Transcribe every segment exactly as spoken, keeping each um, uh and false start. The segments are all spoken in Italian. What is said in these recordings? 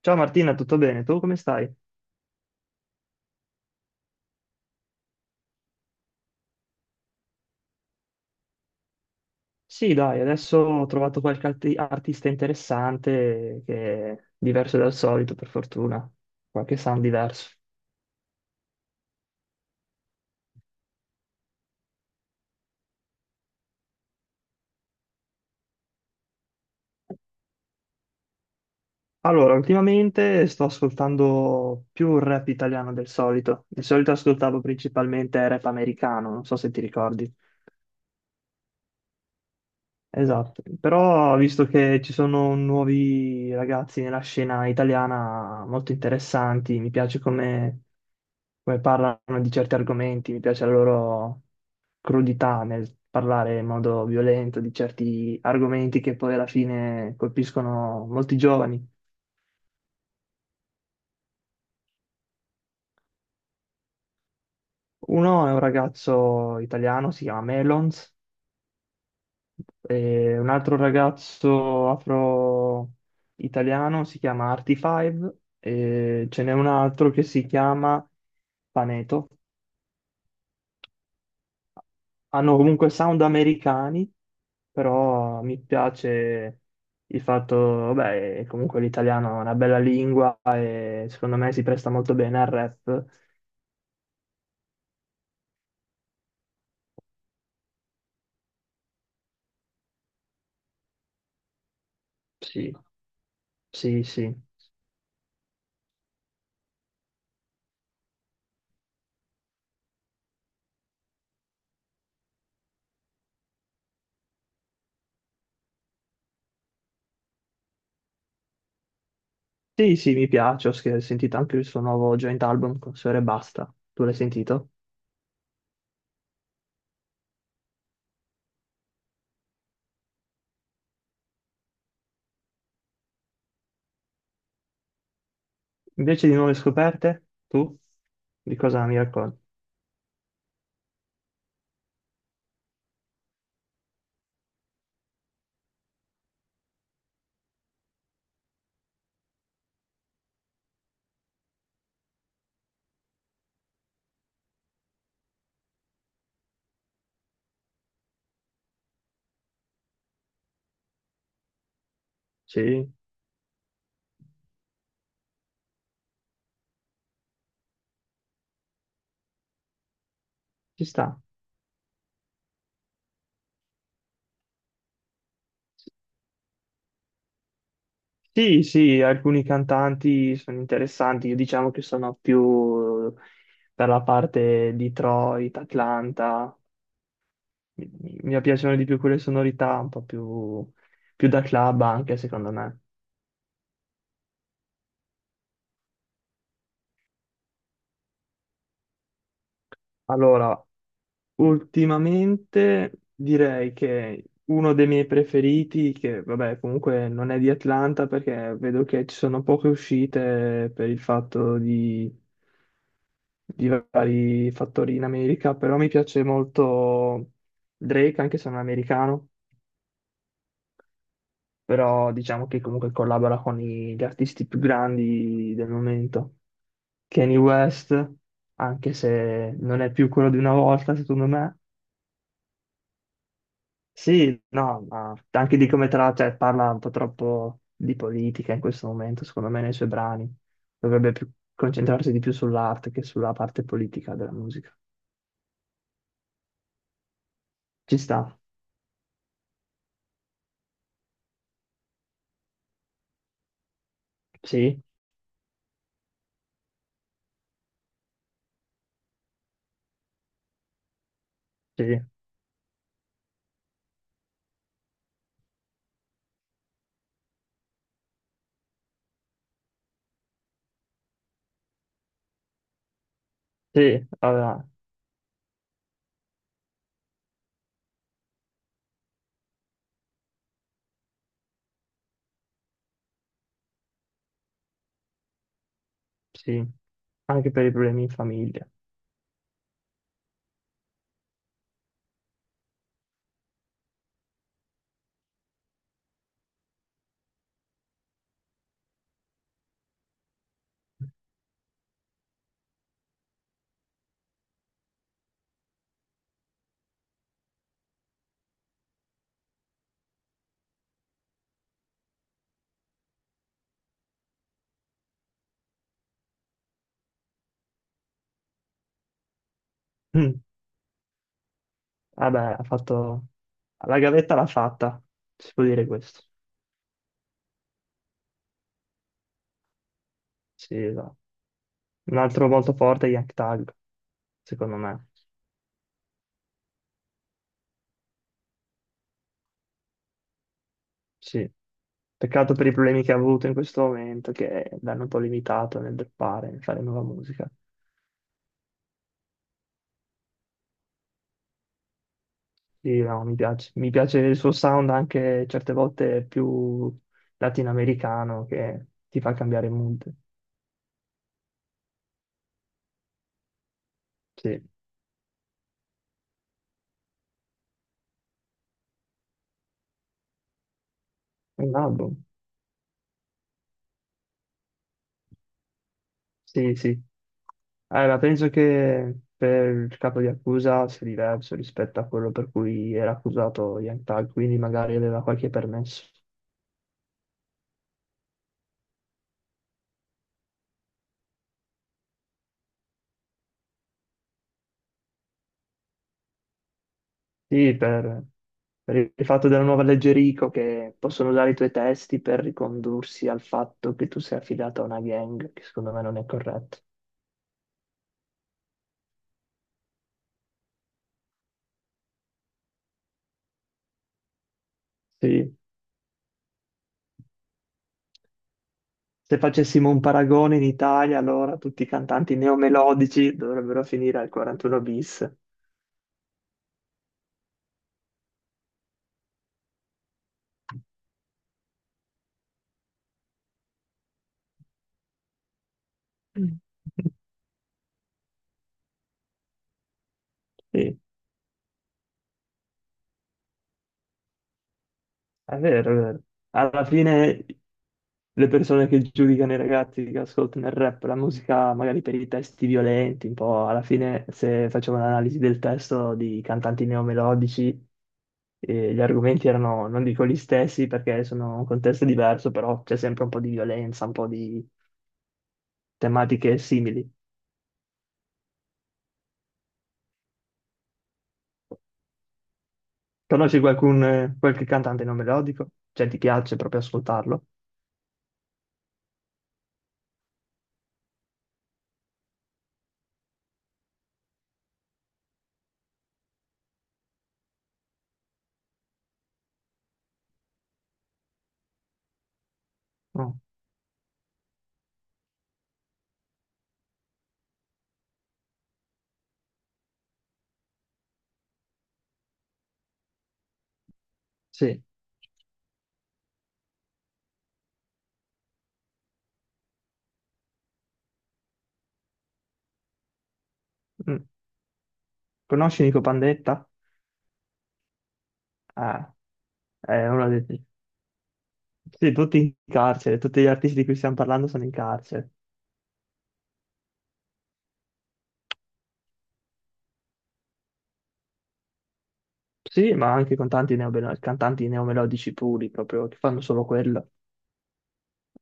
Ciao Martina, tutto bene? Tu come stai? Sì, dai, adesso ho trovato qualche arti- artista interessante che è diverso dal solito, per fortuna. Qualche sound diverso. Allora, ultimamente sto ascoltando più rap italiano del solito. Di solito ascoltavo principalmente rap americano, non so se ti ricordi. Esatto, però visto che ci sono nuovi ragazzi nella scena italiana molto interessanti, mi piace come, come parlano di certi argomenti, mi piace la loro crudità nel parlare in modo violento di certi argomenti che poi alla fine colpiscono molti giovani. Uno è un ragazzo italiano, si chiama Melons, e un altro ragazzo afro-italiano si chiama Artifive, e ce n'è un altro che si chiama Paneto. Hanno comunque sound americani, però mi piace il fatto, vabbè, comunque l'italiano è una bella lingua e secondo me si presta molto bene al rap. Sì, sì, sì. Sì, sì, mi piace, ho sch- ho sentito anche il suo nuovo joint album con Sfera e Basta. Tu l'hai sentito? Invece di nuove scoperte, tu di cosa mi racconti? Sì, ci sta. Sì, sì, alcuni cantanti sono interessanti, io diciamo che sono più per la parte Detroit, Atlanta, mi, mi- mi piacciono di più quelle sonorità un po' più, più da club anche secondo me. Allora, ultimamente direi che uno dei miei preferiti, che vabbè comunque non è di Atlanta perché vedo che ci sono poche uscite per il fatto di, di vari fattori in America, però mi piace molto Drake, anche se non è americano, però diciamo che comunque collabora con i- gli artisti più grandi del momento. Kanye West, anche se non è più quello di una volta, secondo me. Sì, no, ma anche di come tra, cioè, parla un po' troppo di politica in questo momento, secondo me, nei suoi brani. Dovrebbe più concentrarsi di più sull'arte che sulla parte politica della musica. Ci sta, sì, sì, sì, allora, sì, anche per i problemi in famiglia. Mm. Vabbè, ha fatto... La gavetta l'ha fatta, si può dire questo. Sì, esatto. Un altro molto forte è Young Thug, secondo me. Sì. Peccato per i problemi che ha avuto in questo momento, che l'hanno un po' limitato nel fare, nel fare nuova musica. Sì, no, mi piace. Mi piace il suo sound anche certe volte più latinoamericano, che ti fa cambiare mood. Sì, è un album. Sì, sì. Allora, penso che per il capo di accusa sia diverso rispetto a quello per cui era accusato Young Thug, quindi magari aveva qualche permesso. Sì, per, per il fatto della nuova legge Rico che possono usare i tuoi testi per ricondursi al fatto che tu sei affidato a una gang, che secondo me non è corretto. Sì. Se facessimo un paragone in Italia, allora tutti i cantanti neomelodici dovrebbero finire al quarantuno bis. Mm. Sì. È vero, è vero. Alla fine le persone che giudicano i ragazzi che ascoltano il rap, la musica magari per i testi violenti, un po' alla fine se facevo un'analisi del testo di cantanti neomelodici, eh, gli argomenti erano, non dico gli stessi perché sono un contesto diverso, però c'è sempre un po' di violenza, un po' di tematiche simili. Conosci qualcun, eh, qualche cantante non melodico? Cioè ti piace proprio ascoltarlo? No. Sì. Mm. Conosci Nico Pandetta? Ah. Eh, uno ha detto, sì, tutti in carcere, tutti gli artisti di cui stiamo parlando sono in carcere. Sì, ma anche cantanti neomelo- cantanti neomelodici puri, proprio, che fanno solo quello.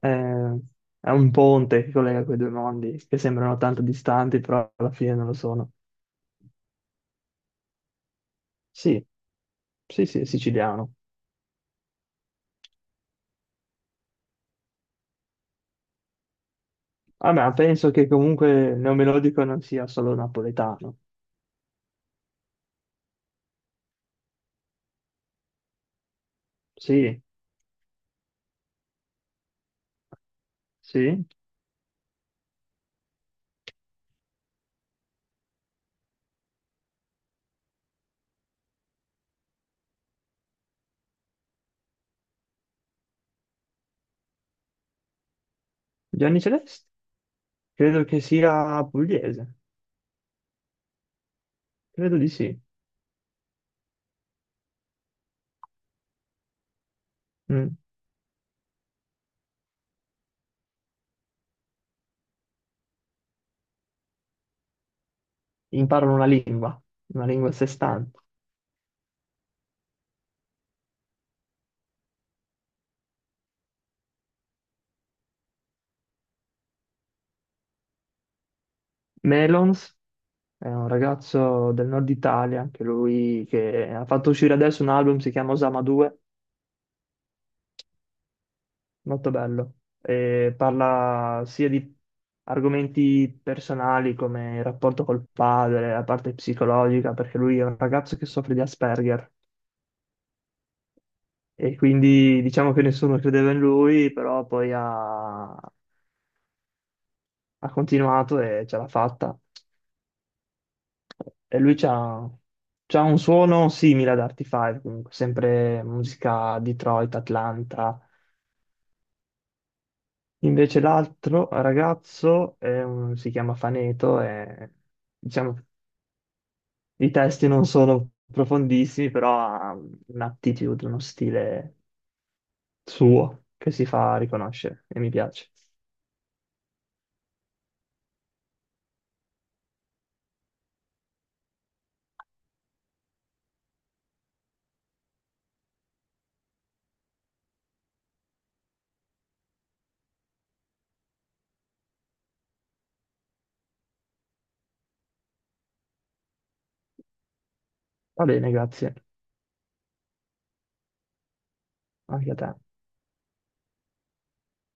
Eh, è un ponte che collega quei due mondi, che sembrano tanto distanti, però alla fine non lo sono. Sì, sì, sì, è siciliano. Ah, ma penso che comunque neomelodico non sia solo napoletano. Sì, sì. Gianni Celeste? Credo che sia pugliese. Credo di sì. Mm. Imparano una lingua, una lingua a sé stante. Melons è un ragazzo del nord Italia, anche lui che ha fatto uscire adesso un album, si chiama Osama due, molto bello, e parla sia di argomenti personali come il rapporto col padre, la parte psicologica, perché lui è un ragazzo che soffre di Asperger e quindi diciamo che nessuno credeva in lui, però poi ha, ha continuato e ce l'ha fatta. E lui c'ha, c'ha un suono simile ad Artie cinque, comunque, sempre musica Detroit, Atlanta. Invece l'altro ragazzo è un- si chiama Faneto e diciamo i testi non sono profondissimi, però ha un'attitude, uno stile suo che si fa riconoscere e mi piace. Va bene, grazie. Anche a te.